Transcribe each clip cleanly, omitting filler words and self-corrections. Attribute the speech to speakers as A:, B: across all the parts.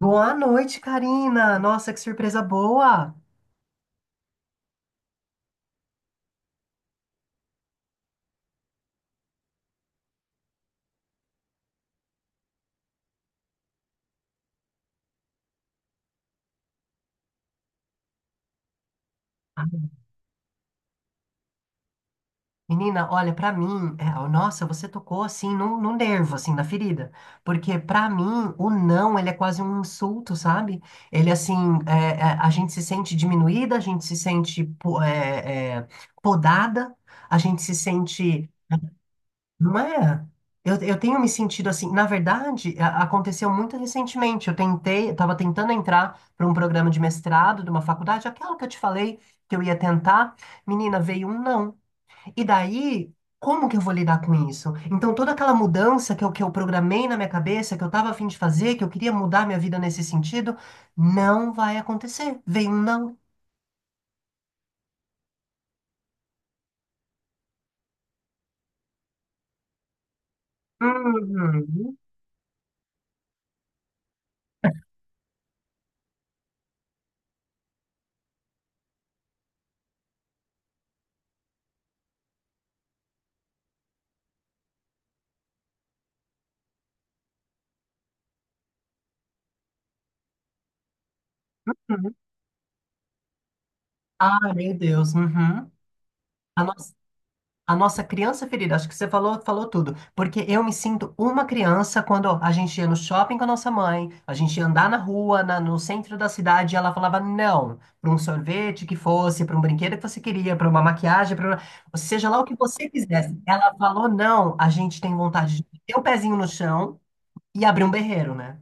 A: Boa noite, Karina. Nossa, que surpresa boa. Menina, olha, pra mim, nossa, você tocou assim no nervo, assim, na ferida. Porque pra mim, o não, ele é quase um insulto, sabe? Ele, assim, a gente se sente diminuída, a gente se sente podada, a gente se sente. Não é? Eu tenho me sentido assim. Na verdade, aconteceu muito recentemente. Eu tentei, eu estava tentando entrar para um programa de mestrado de uma faculdade, aquela que eu te falei que eu ia tentar. Menina, veio um não. E daí, como que eu vou lidar com isso? Então, toda aquela mudança que eu programei na minha cabeça, que eu estava a fim de fazer, que eu queria mudar minha vida nesse sentido, não vai acontecer. Veio um não. Uhum. Uhum. Ah, meu Deus. Uhum. A nossa criança ferida, acho que você falou, falou tudo. Porque eu me sinto uma criança quando a gente ia no shopping com a nossa mãe, a gente ia andar na rua, no centro da cidade, e ela falava não, para um sorvete que fosse, para um brinquedo que você queria, para uma maquiagem, para seja lá o que você quisesse. Ela falou não, a gente tem vontade de ter o pezinho no chão e abrir um berreiro, né?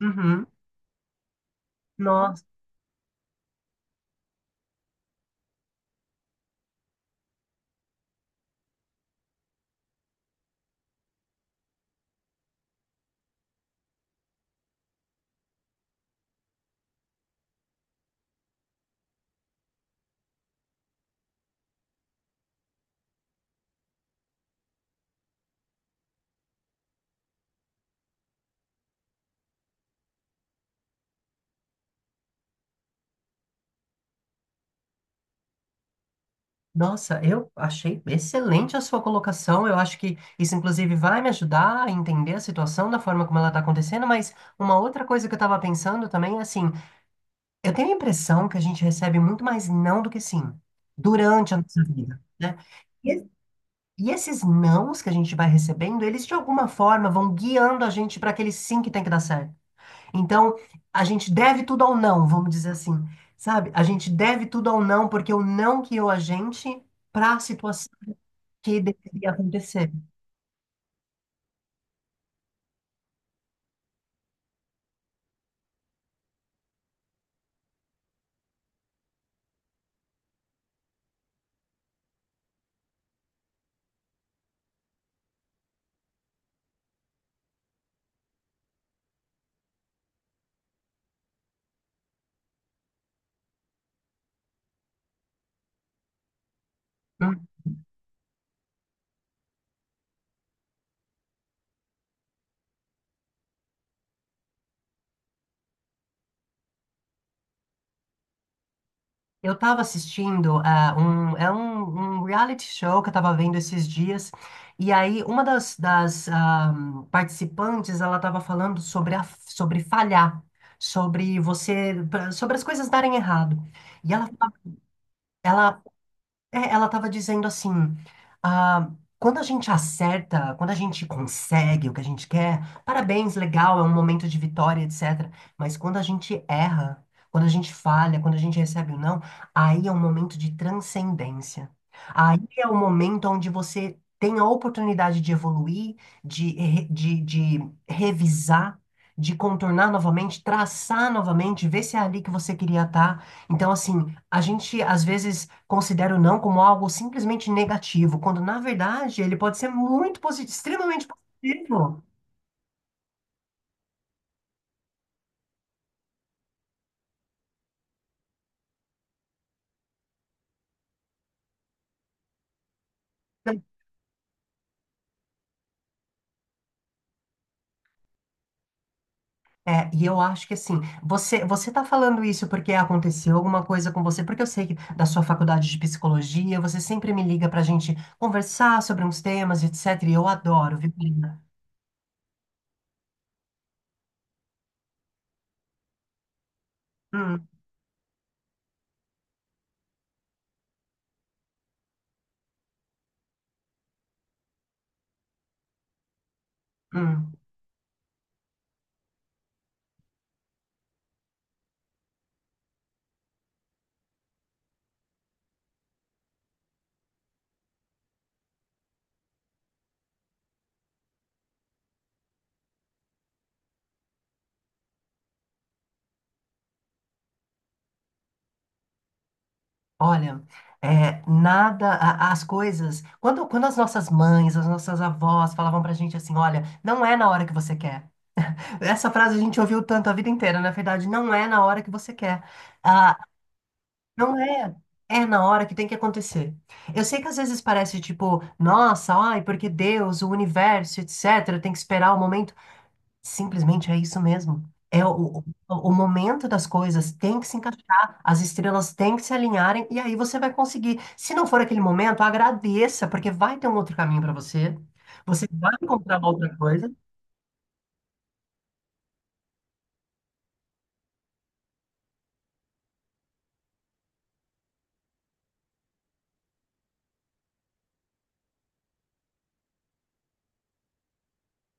A: Uhum. Nossa. Nossa, eu achei excelente a sua colocação. Eu acho que isso, inclusive, vai me ajudar a entender a situação da forma como ela está acontecendo. Mas uma outra coisa que eu estava pensando também é assim: eu tenho a impressão que a gente recebe muito mais não do que sim durante a nossa vida, né? E, e esses nãos que a gente vai recebendo, eles de alguma forma vão guiando a gente para aquele sim que tem que dar certo. Então, a gente deve tudo ao não, vamos dizer assim, sabe? A gente deve tudo ao não porque o não guiou a gente para a situação que deveria acontecer. Hum. Eu estava assistindo um reality show que eu estava vendo esses dias, e aí uma das participantes ela estava falando sobre, sobre falhar, sobre você, sobre as coisas darem errado. E ela é, ela estava dizendo assim, ah, quando a gente acerta, quando a gente consegue o que a gente quer, parabéns, legal, é um momento de vitória, etc. Mas quando a gente erra, quando a gente falha, quando a gente recebe o não, aí é um momento de transcendência. Aí é o momento onde você tem a oportunidade de evoluir, de revisar, de contornar novamente, traçar novamente, ver se é ali que você queria estar. Então, assim. A gente às vezes considera o não como algo simplesmente negativo, quando na verdade ele pode ser muito positivo, extremamente positivo. É, e eu acho que assim, você tá falando isso porque aconteceu alguma coisa com você, porque eu sei que da sua faculdade de psicologia, você sempre me liga pra gente conversar sobre uns temas, etc. E eu adoro, viu, Karina? Hum, hum. Olha, é, nada, as coisas. Quando as nossas mães, as nossas avós falavam pra gente assim: olha, não é na hora que você quer. Essa frase a gente ouviu tanto a vida inteira, na verdade, não é na hora que você quer. Ah, não é, é na hora que tem que acontecer. Eu sei que às vezes parece tipo, nossa, ai, porque Deus, o universo, etc., tem que esperar o momento. Simplesmente é isso mesmo. É o momento das coisas tem que se encaixar, as estrelas têm que se alinharem e aí você vai conseguir. Se não for aquele momento, agradeça, porque vai ter um outro caminho para você. Você vai encontrar uma outra coisa.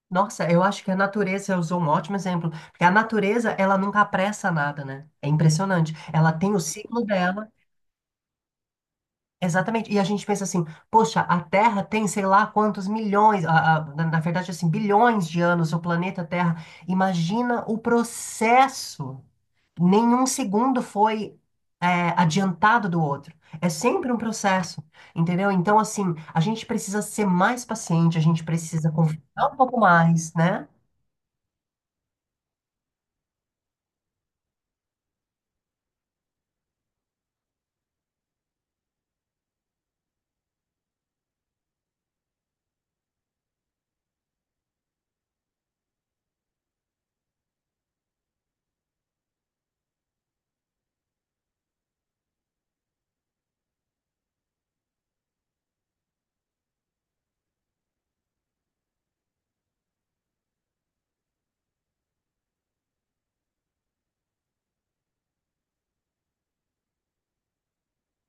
A: Nossa, eu acho que a natureza usou um ótimo exemplo, porque a natureza, ela nunca apressa nada, né? É impressionante. Ela tem o ciclo dela, exatamente. E a gente pensa assim, poxa, a Terra tem sei lá quantos milhões, na verdade, assim, bilhões de anos, o planeta Terra. Imagina o processo. Nenhum segundo foi, é, adiantado do outro. É sempre um processo, entendeu? Então, assim, a gente precisa ser mais paciente, a gente precisa confiar um pouco mais, né?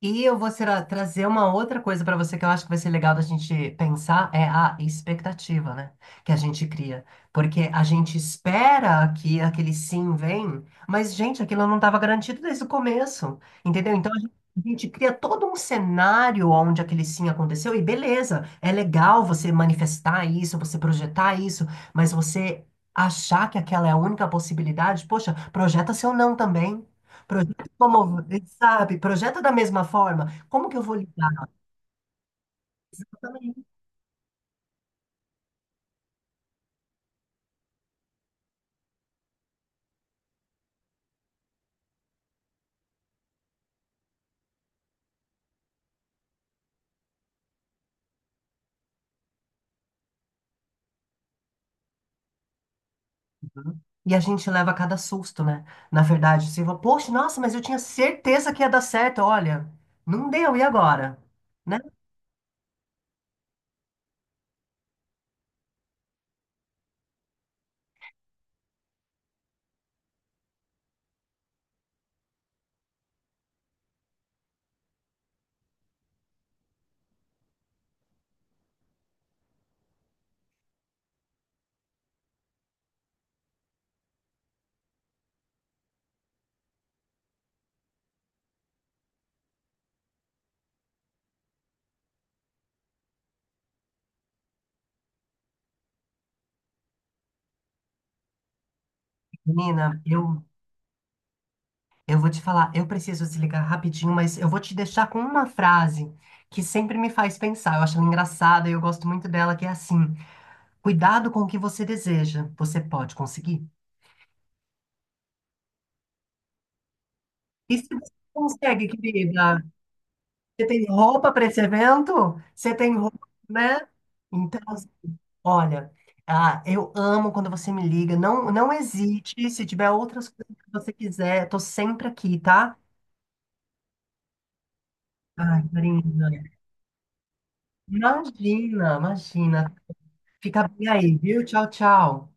A: E eu vou trazer uma outra coisa para você que eu acho que vai ser legal da gente pensar, é a expectativa, né? Que a gente cria. Porque a gente espera que aquele sim vem, mas, gente, aquilo não estava garantido desde o começo, entendeu? Então, a gente cria todo um cenário onde aquele sim aconteceu, e beleza, é legal você manifestar isso, você projetar isso, mas você achar que aquela é a única possibilidade, poxa, projeta seu não também. Como, sabe, projeta da mesma forma, como que eu vou lidar? Eu também. Uhum. E a gente leva cada susto, né? Na verdade, você fala, poxa, nossa, mas eu tinha certeza que ia dar certo, olha, não deu, e agora? Né, menina, eu vou te falar, eu preciso desligar rapidinho, mas eu vou te deixar com uma frase que sempre me faz pensar, eu acho ela engraçada e eu gosto muito dela, que é assim, cuidado com o que você deseja, você pode conseguir. E se você consegue, querida? Você tem roupa para esse evento? Você tem roupa, né? Então, assim, olha, ah, eu amo quando você me liga. Não, não hesite. Se tiver outras coisas que você quiser, tô sempre aqui, tá? Ai, Marina. Imagina, imagina. Fica bem aí, viu? Tchau, tchau.